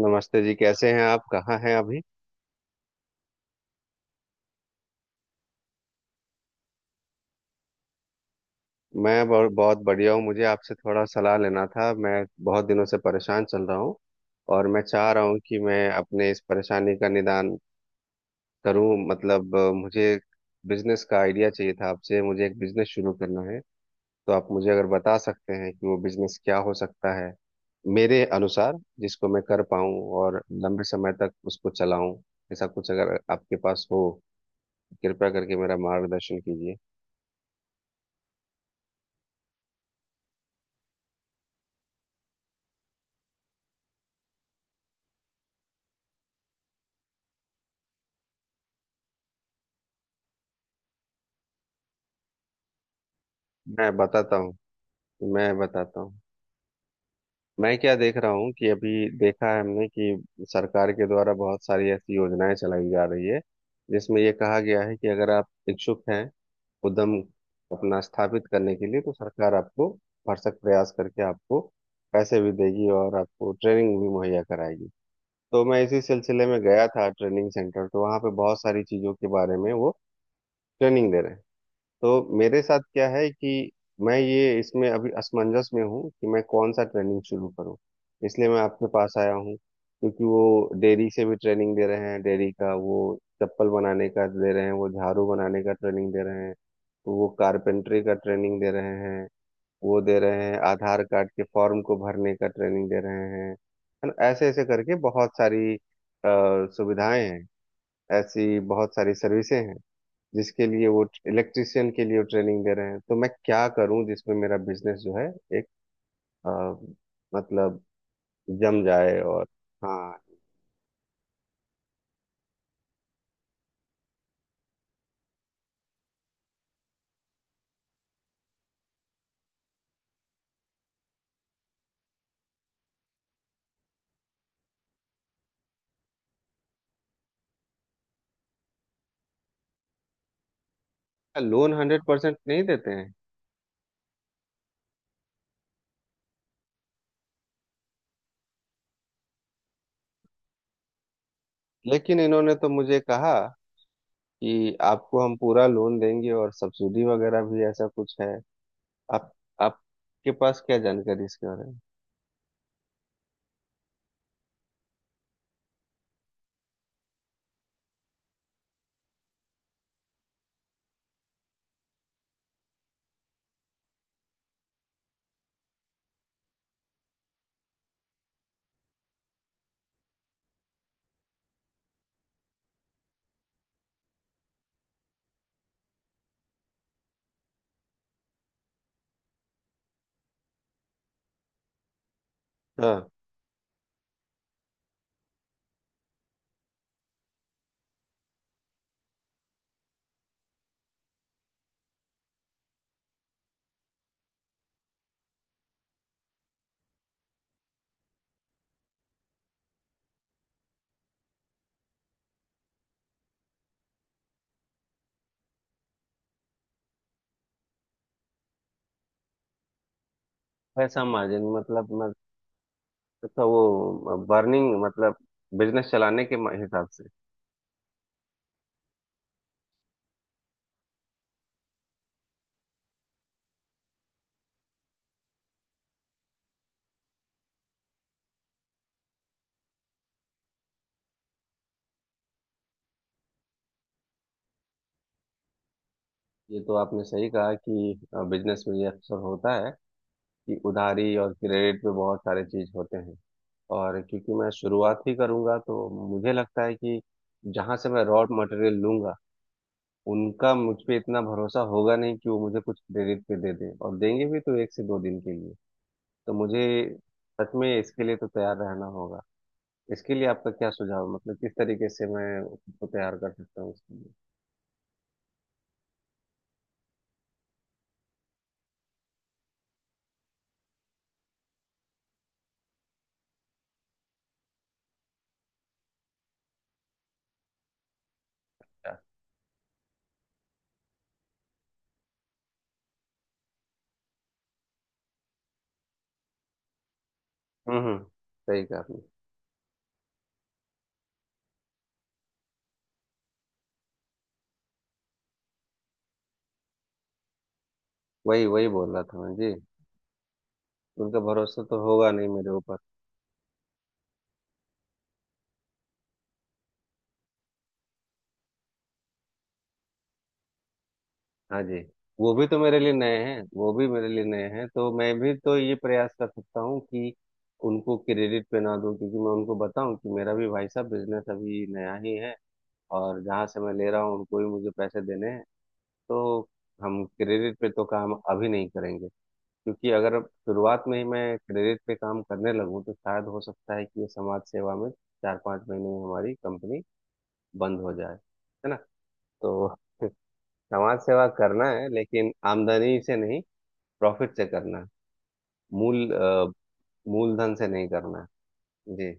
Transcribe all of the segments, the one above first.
नमस्ते जी। कैसे हैं आप? कहाँ हैं अभी? मैं बहुत बहुत बढ़िया हूँ। मुझे आपसे थोड़ा सलाह लेना था। मैं बहुत दिनों से परेशान चल रहा हूँ और मैं चाह रहा हूँ कि मैं अपने इस परेशानी का निदान करूँ, मतलब मुझे बिजनेस का आइडिया चाहिए था आपसे। मुझे एक बिजनेस शुरू करना है, तो आप मुझे अगर बता सकते हैं कि वो बिजनेस क्या हो सकता है मेरे अनुसार, जिसको मैं कर पाऊँ और लंबे समय तक उसको चलाऊँ? ऐसा कुछ अगर आपके पास हो, कृपया करके मेरा मार्गदर्शन कीजिए। मैं बताता हूँ। मैं बताता हूँ। मैं क्या देख रहा हूँ कि अभी देखा है हमने कि सरकार के द्वारा बहुत सारी ऐसी योजनाएं चलाई जा रही है, जिसमें ये कहा गया है कि अगर आप इच्छुक हैं उद्यम अपना स्थापित करने के लिए, तो सरकार आपको भरसक प्रयास करके आपको पैसे भी देगी और आपको ट्रेनिंग भी मुहैया कराएगी। तो मैं इसी सिलसिले में गया था ट्रेनिंग सेंटर, तो वहाँ पे बहुत सारी चीज़ों के बारे में वो ट्रेनिंग दे रहे हैं। तो मेरे साथ क्या है कि मैं ये इसमें अभी असमंजस में हूँ कि मैं कौन सा ट्रेनिंग शुरू करूँ। इसलिए मैं आपके पास आया हूँ, क्योंकि वो डेयरी से भी ट्रेनिंग दे रहे हैं, डेयरी का, वो चप्पल बनाने का दे रहे हैं, वो झाड़ू बनाने का ट्रेनिंग दे रहे हैं, तो वो कारपेंटरी का ट्रेनिंग दे रहे हैं, वो दे रहे हैं आधार कार्ड के फॉर्म को भरने का ट्रेनिंग दे रहे हैं, है ना? ऐसे ऐसे करके बहुत सारी सुविधाएं हैं। ऐसी बहुत सारी सर्विसें हैं, जिसके लिए वो इलेक्ट्रिशियन के लिए वो ट्रेनिंग दे रहे हैं। तो मैं क्या करूं जिसमें मेरा बिजनेस जो है एक अ, मतलब जम जाए। और हाँ, लोन 100% नहीं देते हैं? लेकिन इन्होंने तो मुझे कहा कि आपको हम पूरा लोन देंगे, और सब्सिडी वगैरह भी ऐसा कुछ है? आप आपके पास क्या जानकारी इसके बारे में? हाँ, पैसा मार्जिन मतलब मैं, तो वो बर्निंग मतलब बिजनेस चलाने के हिसाब से? ये तो आपने सही कहा कि बिजनेस में ये अक्सर होता है कि उधारी और क्रेडिट पे बहुत सारे चीज होते हैं। और क्योंकि मैं शुरुआत ही करूंगा, तो मुझे लगता है कि जहां से मैं रॉ मटेरियल लूंगा, उनका मुझ पे इतना भरोसा होगा नहीं कि वो मुझे कुछ क्रेडिट पे दे दें, और देंगे भी तो 1 से 2 दिन के लिए। तो मुझे सच में इसके लिए तो तैयार रहना होगा। इसके लिए आपका क्या सुझाव है? मतलब किस तरीके से मैं खुद को तैयार कर सकता हूँ इसके लिए क्या? हम्म। हम्म। सही कहा आपने। वही वही बोल रहा था मैं जी। उनका भरोसा तो होगा नहीं मेरे ऊपर। हाँ जी। वो भी तो मेरे लिए नए हैं, वो भी मेरे लिए नए हैं। तो मैं भी तो ये प्रयास कर सकता हूँ कि उनको क्रेडिट पे ना दूं, क्योंकि मैं उनको बताऊं कि मेरा भी भाई साहब बिजनेस अभी नया ही है, और जहाँ से मैं ले रहा हूँ उनको ही मुझे पैसे देने हैं, तो हम क्रेडिट पे तो काम अभी नहीं करेंगे। क्योंकि अगर शुरुआत में ही मैं क्रेडिट पे काम करने लगूँ, तो शायद हो सकता है कि ये समाज सेवा में 4-5 महीने में हमारी कंपनी बंद हो जाए, है ना? तो समाज सेवा करना है, लेकिन आमदनी से नहीं। प्रॉफिट से करना है। मूल अ, मूलधन से नहीं करना है जी।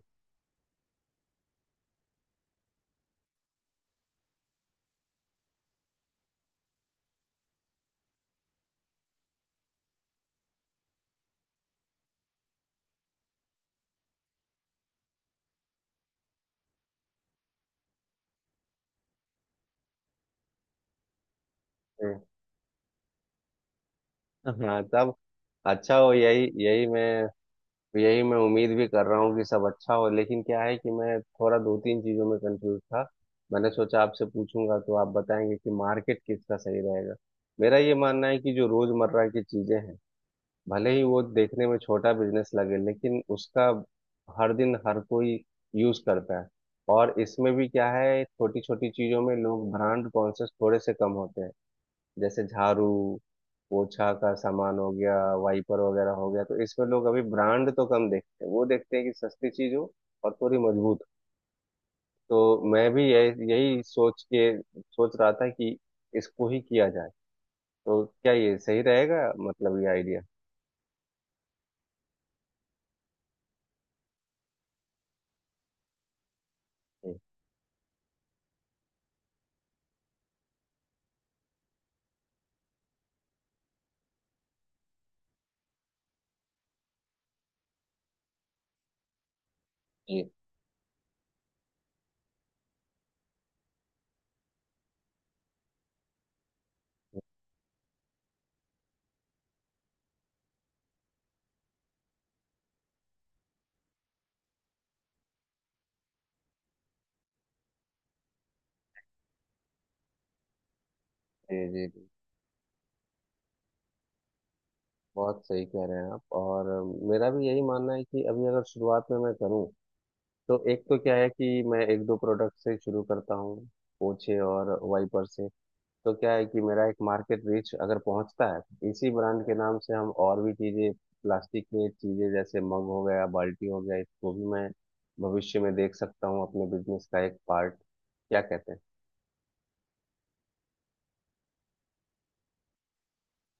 हम्म। हाँ। तब अच्छा हो, यही यही मैं उम्मीद भी कर रहा हूँ कि सब अच्छा हो, लेकिन क्या है कि मैं थोड़ा दो तीन चीज़ों में कंफ्यूज था। मैंने सोचा आपसे पूछूंगा तो आप बताएंगे कि मार्केट किसका सही रहेगा। मेरा ये मानना है कि जो रोजमर्रा की चीजें हैं, भले ही वो देखने में छोटा बिजनेस लगे, लेकिन उसका हर दिन हर कोई यूज करता है। और इसमें भी क्या है, छोटी छोटी चीजों में लोग ब्रांड कॉन्शियस थोड़े से कम होते हैं, जैसे झाड़ू, पोछा का सामान हो गया, वाइपर वगैरह हो गया, तो इसमें लोग अभी ब्रांड तो कम देखते हैं, वो देखते हैं कि सस्ती चीज हो और थोड़ी मजबूत हो। तो मैं भी यही यही सोच के सोच रहा था कि इसको ही किया जाए। तो क्या ये सही रहेगा? मतलब ये आइडिया? जी जी जी जी। बहुत सही कह रहे हैं आप। और मेरा भी यही मानना है कि अभी अगर शुरुआत में मैं करूं, तो एक तो क्या है कि मैं एक दो प्रोडक्ट से शुरू करता हूँ, पोछे और वाइपर से। तो क्या है कि मेरा एक मार्केट रीच अगर पहुंचता है, तो इसी ब्रांड के नाम से हम और भी चीज़ें, प्लास्टिक में चीज़ें, जैसे मग हो गया, बाल्टी हो गया, इसको भी मैं भविष्य में देख सकता हूँ अपने बिजनेस का एक पार्ट। क्या कहते हैं?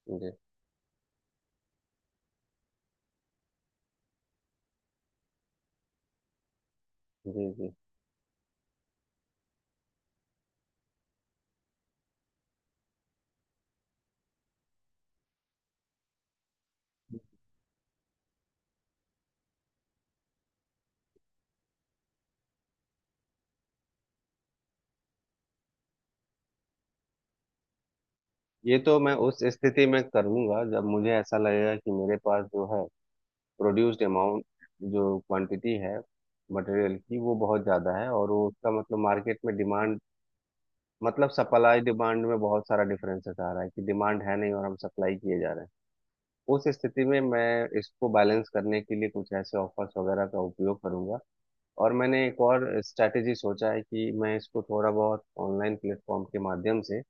जी जी जी। ये तो मैं उस स्थिति में करूंगा जब मुझे ऐसा लगेगा कि मेरे पास जो है प्रोड्यूस्ड अमाउंट, जो क्वांटिटी है मटेरियल की, वो बहुत ज़्यादा है और वो, उसका मतलब मार्केट में डिमांड, मतलब सप्लाई डिमांड में बहुत सारा डिफरेंसेस आ रहा है कि डिमांड है नहीं और हम सप्लाई किए जा रहे हैं। उस स्थिति में मैं इसको बैलेंस करने के लिए कुछ ऐसे ऑफर्स वगैरह का उपयोग करूंगा। और मैंने एक और स्ट्रैटेजी सोचा है कि मैं इसको थोड़ा बहुत ऑनलाइन प्लेटफॉर्म के माध्यम से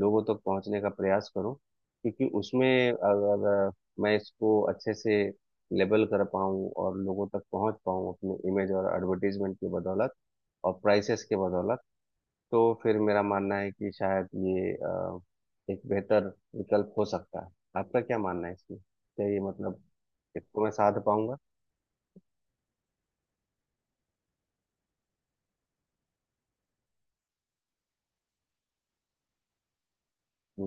लोगों तक पहुंचने का प्रयास करूं, क्योंकि उसमें अगर मैं इसको अच्छे से लेबल कर पाऊं और लोगों तक पहुंच पाऊं अपने इमेज और एडवर्टीजमेंट की बदौलत और प्राइसेस के बदौलत, तो फिर मेरा मानना है कि शायद ये एक बेहतर विकल्प हो सकता है। आपका क्या मानना है इसमें? क्या ये मतलब इसको मैं साध पाऊंगा? जी,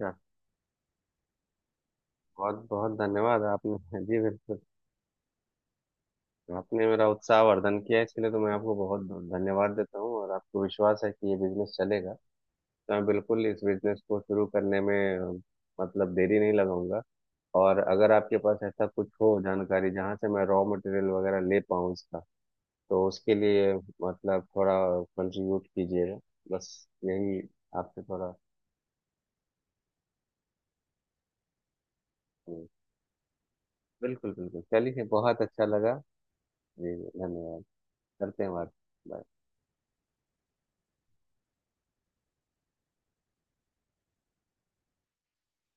अच्छा। बहुत बहुत धन्यवाद आपने जी बिल्कुल। तो आपने मेरा उत्साह वर्धन किया, इसके लिए तो मैं आपको बहुत धन्यवाद देता हूँ। और आपको विश्वास है कि ये बिजनेस चलेगा, तो मैं बिल्कुल इस बिजनेस को शुरू करने में मतलब देरी नहीं लगाऊंगा। और अगर आपके पास ऐसा कुछ हो जानकारी जहाँ से मैं रॉ मटेरियल वगैरह ले पाऊँ इसका, तो उसके लिए मतलब थोड़ा कंट्रीब्यूट कीजिएगा, बस, यही। आपसे थोड़ा, बिल्कुल बिल्कुल चलिए, बहुत अच्छा लगा। जी, धन्यवाद। करते हैं बात।